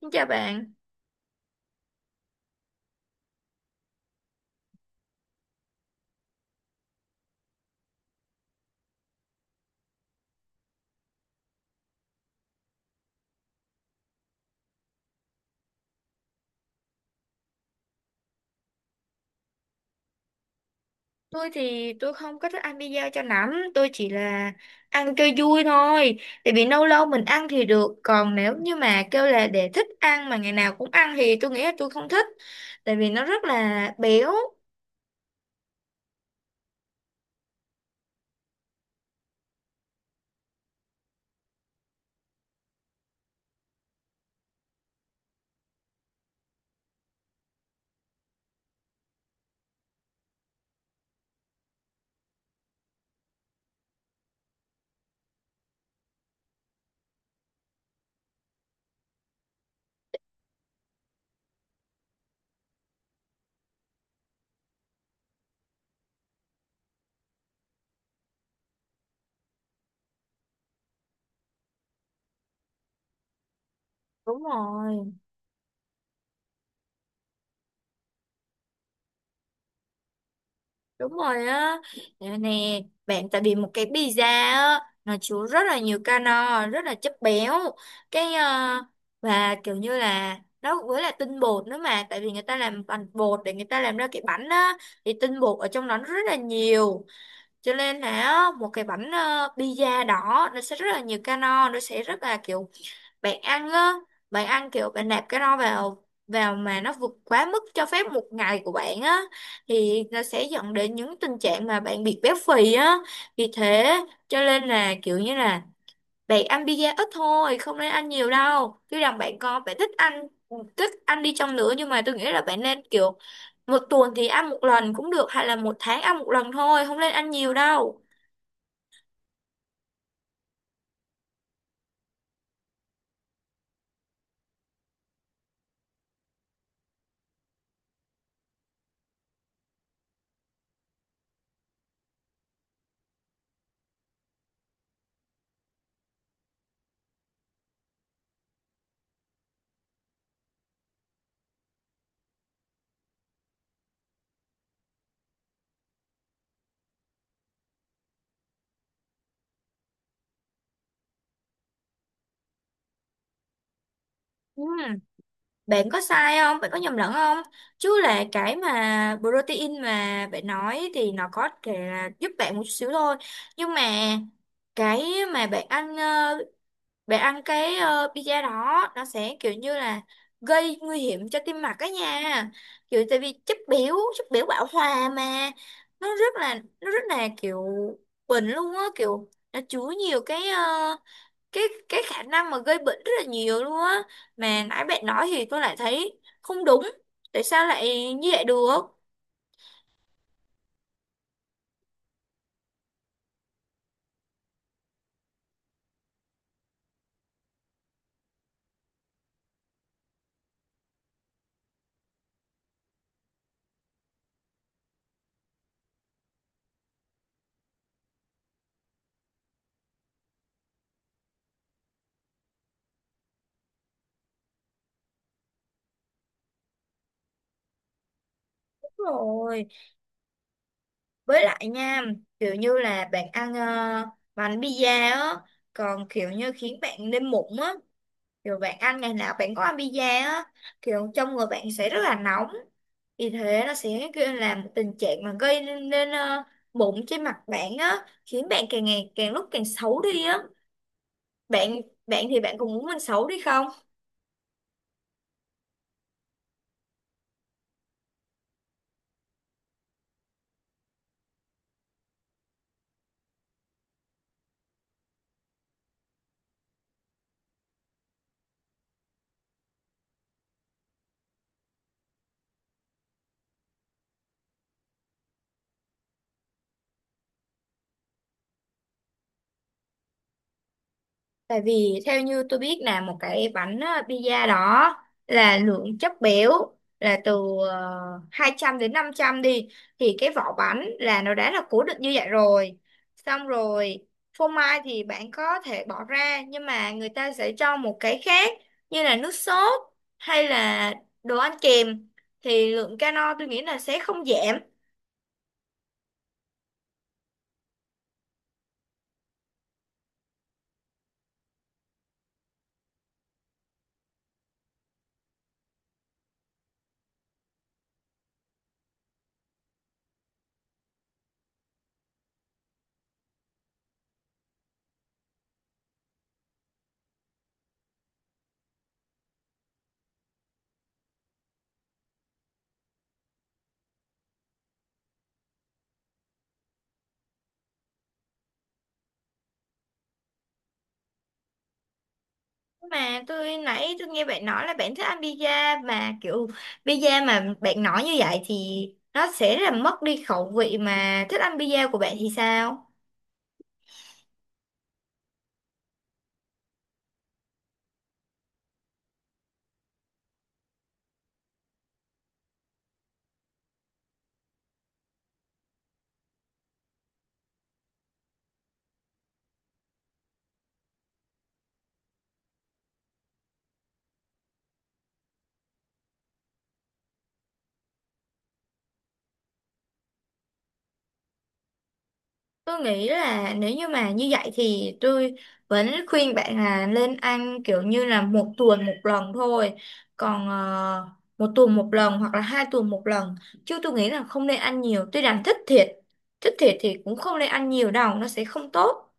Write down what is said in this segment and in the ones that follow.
Xin chào bạn, tôi thì tôi không có thích ăn pizza cho lắm, tôi chỉ là ăn cho vui thôi. Tại vì lâu lâu mình ăn thì được, còn nếu như mà kêu là để thích ăn mà ngày nào cũng ăn thì tôi nghĩ là tôi không thích. Tại vì nó rất là béo. Đúng rồi. Đúng rồi á, nè, nè, bạn tại vì một cái pizza á, nó chứa rất là nhiều calo, rất là chất béo, cái ờ, và kiểu như là nó với là tinh bột nữa mà, tại vì người ta làm bằng bột để người ta làm ra cái bánh á, thì tinh bột ở trong đó nó rất là nhiều, cho nên là á, một cái bánh pizza đó nó sẽ rất là nhiều calo, nó sẽ rất là kiểu bạn ăn á, bạn ăn kiểu bạn nạp cái đó vào vào mà nó vượt quá mức cho phép một ngày của bạn á, thì nó sẽ dẫn đến những tình trạng mà bạn bị béo phì á. Vì thế cho nên là kiểu như là bạn ăn pizza ít thôi, không nên ăn nhiều đâu, chứ rằng bạn có bạn thích ăn, thích ăn đi chăng nữa nhưng mà tôi nghĩ là bạn nên kiểu một tuần thì ăn một lần cũng được, hay là một tháng ăn một lần thôi, không nên ăn nhiều đâu. Ừ. Bạn có sai không? Bạn có nhầm lẫn không? Chứ là cái mà protein mà bạn nói thì nó có thể là giúp bạn một chút xíu thôi. Nhưng mà cái mà bạn bạn ăn pizza đó nó sẽ kiểu như là gây nguy hiểm cho tim mạch đó nha. Kiểu tại vì chất béo bão hòa mà nó rất là nó rất là kiểu bệnh luôn á, kiểu nó chứa nhiều cái ờ, cái khả năng mà gây bệnh rất là nhiều luôn á, mà nãy bạn nói thì tôi lại thấy không đúng, tại sao lại như vậy được. Đúng rồi, với lại nha, kiểu như là bạn bánh pizza á còn kiểu như khiến bạn lên mụn á, kiểu bạn ăn ngày nào bạn có ăn pizza á, kiểu trong người bạn sẽ rất là nóng, vì thế nó sẽ gây là một tình trạng mà gây nên mụn trên mặt bạn á, khiến bạn càng ngày càng lúc càng xấu đi á. Bạn bạn thì bạn cũng muốn mình xấu đi không. Tại vì theo như tôi biết là một cái bánh pizza đó là lượng chất béo là từ ờ, 200 đến 500 đi, thì cái vỏ bánh là nó đã là cố định như vậy rồi. Xong rồi phô mai thì bạn có thể bỏ ra, nhưng mà người ta sẽ cho một cái khác như là nước sốt hay là đồ ăn kèm, thì lượng calo tôi nghĩ là sẽ không giảm. Mà tôi nãy tôi nghe bạn nói là bạn thích ăn pizza, mà kiểu pizza mà bạn nói như vậy thì nó sẽ rất là mất đi khẩu vị mà thích ăn pizza của bạn thì sao? Tôi nghĩ là nếu như mà như vậy thì tôi vẫn khuyên bạn là lên ăn kiểu như là một tuần một lần thôi. Còn một tuần một lần hoặc là 2 tuần một lần. Chứ tôi nghĩ là không nên ăn nhiều. Tôi đang thích thịt. Thích thịt thì cũng không nên ăn nhiều đâu. Nó sẽ không tốt.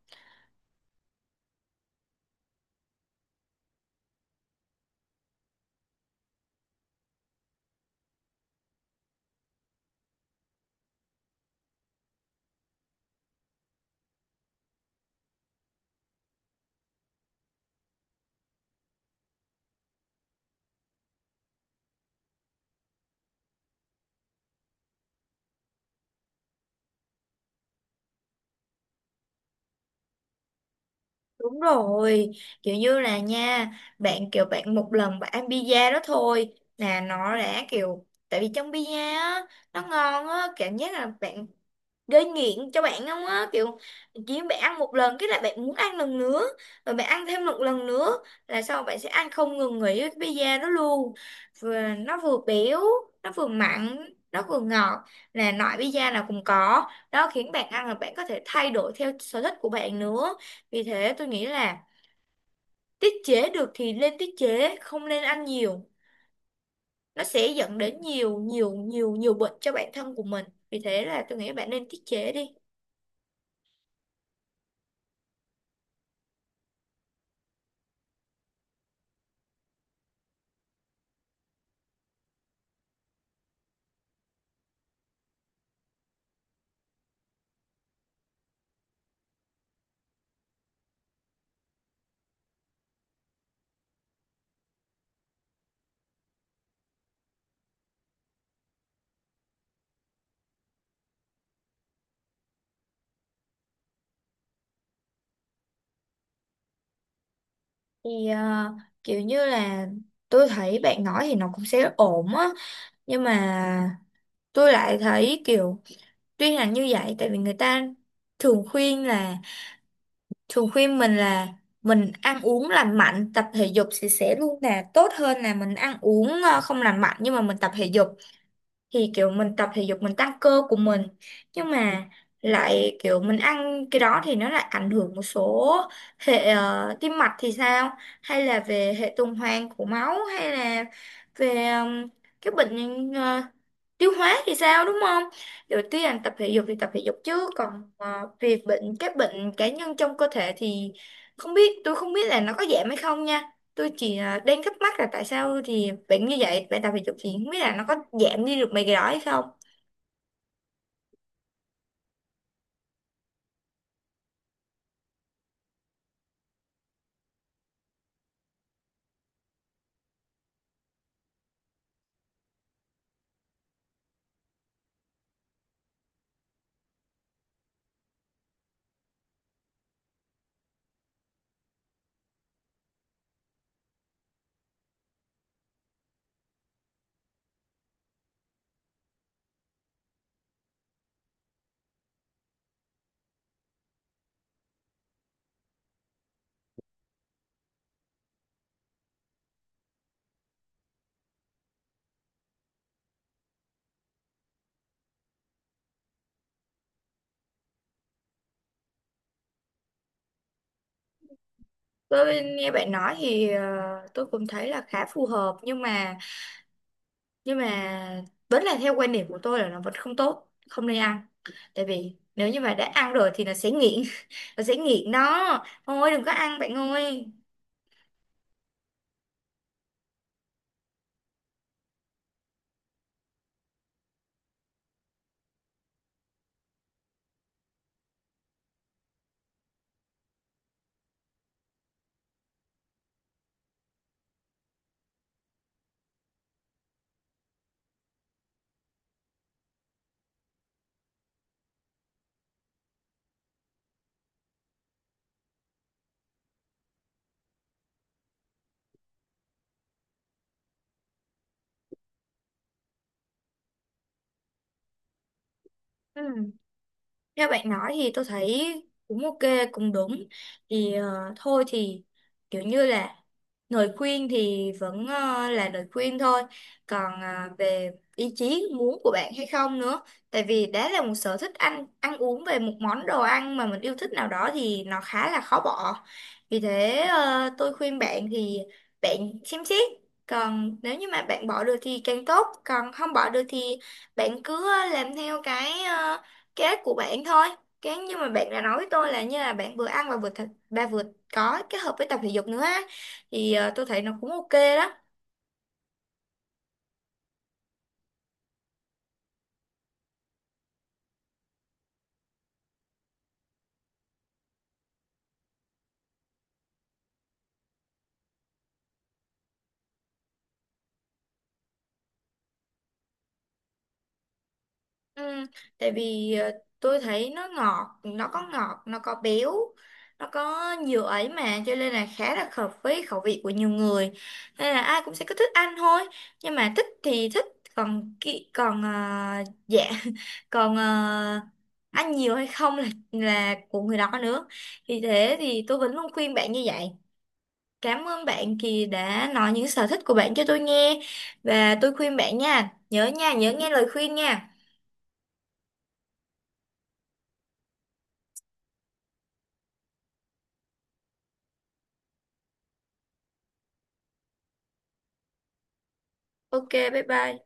Đúng rồi, kiểu như là nha, bạn kiểu bạn một lần bạn ăn pizza đó thôi là nó đã kiểu, tại vì trong pizza á nó ngon á, cảm giác là bạn gây nghiện cho bạn không á, kiểu chỉ bạn ăn một lần cái là bạn muốn ăn lần nữa, rồi bạn ăn thêm một lần nữa, là sau bạn sẽ ăn không ngừng nghỉ cái pizza đó luôn. Vừa nó vừa béo, nó vừa mặn, nó vừa ngọt, là loại pizza nào cũng có đó, khiến bạn ăn là bạn có thể thay đổi theo sở thích của bạn nữa. Vì thế tôi nghĩ là tiết chế được thì nên tiết chế, không nên ăn nhiều, nó sẽ dẫn đến nhiều nhiều nhiều nhiều bệnh cho bản thân của mình, vì thế là tôi nghĩ bạn nên tiết chế đi. thì ờ, Kiểu như là tôi thấy bạn nói thì nó cũng sẽ ổn á, nhưng mà tôi lại thấy kiểu tuy là như vậy, tại vì người ta thường khuyên là, thường khuyên mình là mình ăn uống lành mạnh tập thể dục thì sẽ luôn là tốt hơn là mình ăn uống không lành mạnh nhưng mà mình tập thể dục. Thì kiểu mình tập thể dục mình tăng cơ của mình, nhưng mà lại kiểu mình ăn cái đó thì nó lại ảnh hưởng một số hệ tim mạch thì sao, hay là về hệ tuần hoàn của máu, hay là về cái bệnh tiêu hóa thì sao, đúng không. Đầu tiên tập thể dục thì tập thể dục, chứ còn về bệnh, các bệnh cá nhân trong cơ thể thì không biết, tôi không biết là nó có giảm hay không nha. Tôi chỉ đang thắc mắc là tại sao thì bệnh như vậy bạn tập thể dục thì không biết là nó có giảm đi được mấy cái đó hay không. Tôi nghe bạn nói thì tôi cũng thấy là khá phù hợp, nhưng mà vẫn là theo quan điểm của tôi là nó vẫn không tốt, không nên ăn, tại vì nếu như mà đã ăn rồi thì nó sẽ nghiện. Nó sẽ nghiện đó, thôi đừng có ăn bạn ơi. Ừ. Theo bạn nói thì tôi thấy cũng ok, cũng đúng. Thôi thì kiểu như là lời khuyên thì vẫn là lời khuyên thôi, còn về ý chí muốn của bạn hay không nữa. Tại vì đã là một sở thích ăn ăn uống về một món đồ ăn mà mình yêu thích nào đó thì nó khá là khó bỏ. Vì thế tôi khuyên bạn thì bạn xem xét, còn nếu như mà bạn bỏ được thì càng tốt, còn không bỏ được thì bạn cứ làm theo cái uh, kế hoạch của bạn thôi. Cái nhưng mà bạn đã nói với tôi là như là bạn vừa ăn và vừa thật, và vừa có kết hợp với tập thể dục nữa á, thì tôi thấy nó cũng ok đó. Ừ, tại vì tôi thấy nó ngọt, nó có ngọt, nó có béo, nó có nhiều ấy mà, cho nên là khá là hợp với khẩu vị của nhiều người, nên là ai cũng sẽ cứ thích ăn thôi. Nhưng mà thích thì thích, còn kỹ còn dạ còn ăn nhiều hay không là của người đó nữa. Thì thế thì tôi vẫn luôn khuyên bạn như vậy. Cảm ơn bạn Kỳ đã nói những sở thích của bạn cho tôi nghe, và tôi khuyên bạn nha, nhớ nghe lời khuyên nha. Ok, bye bye.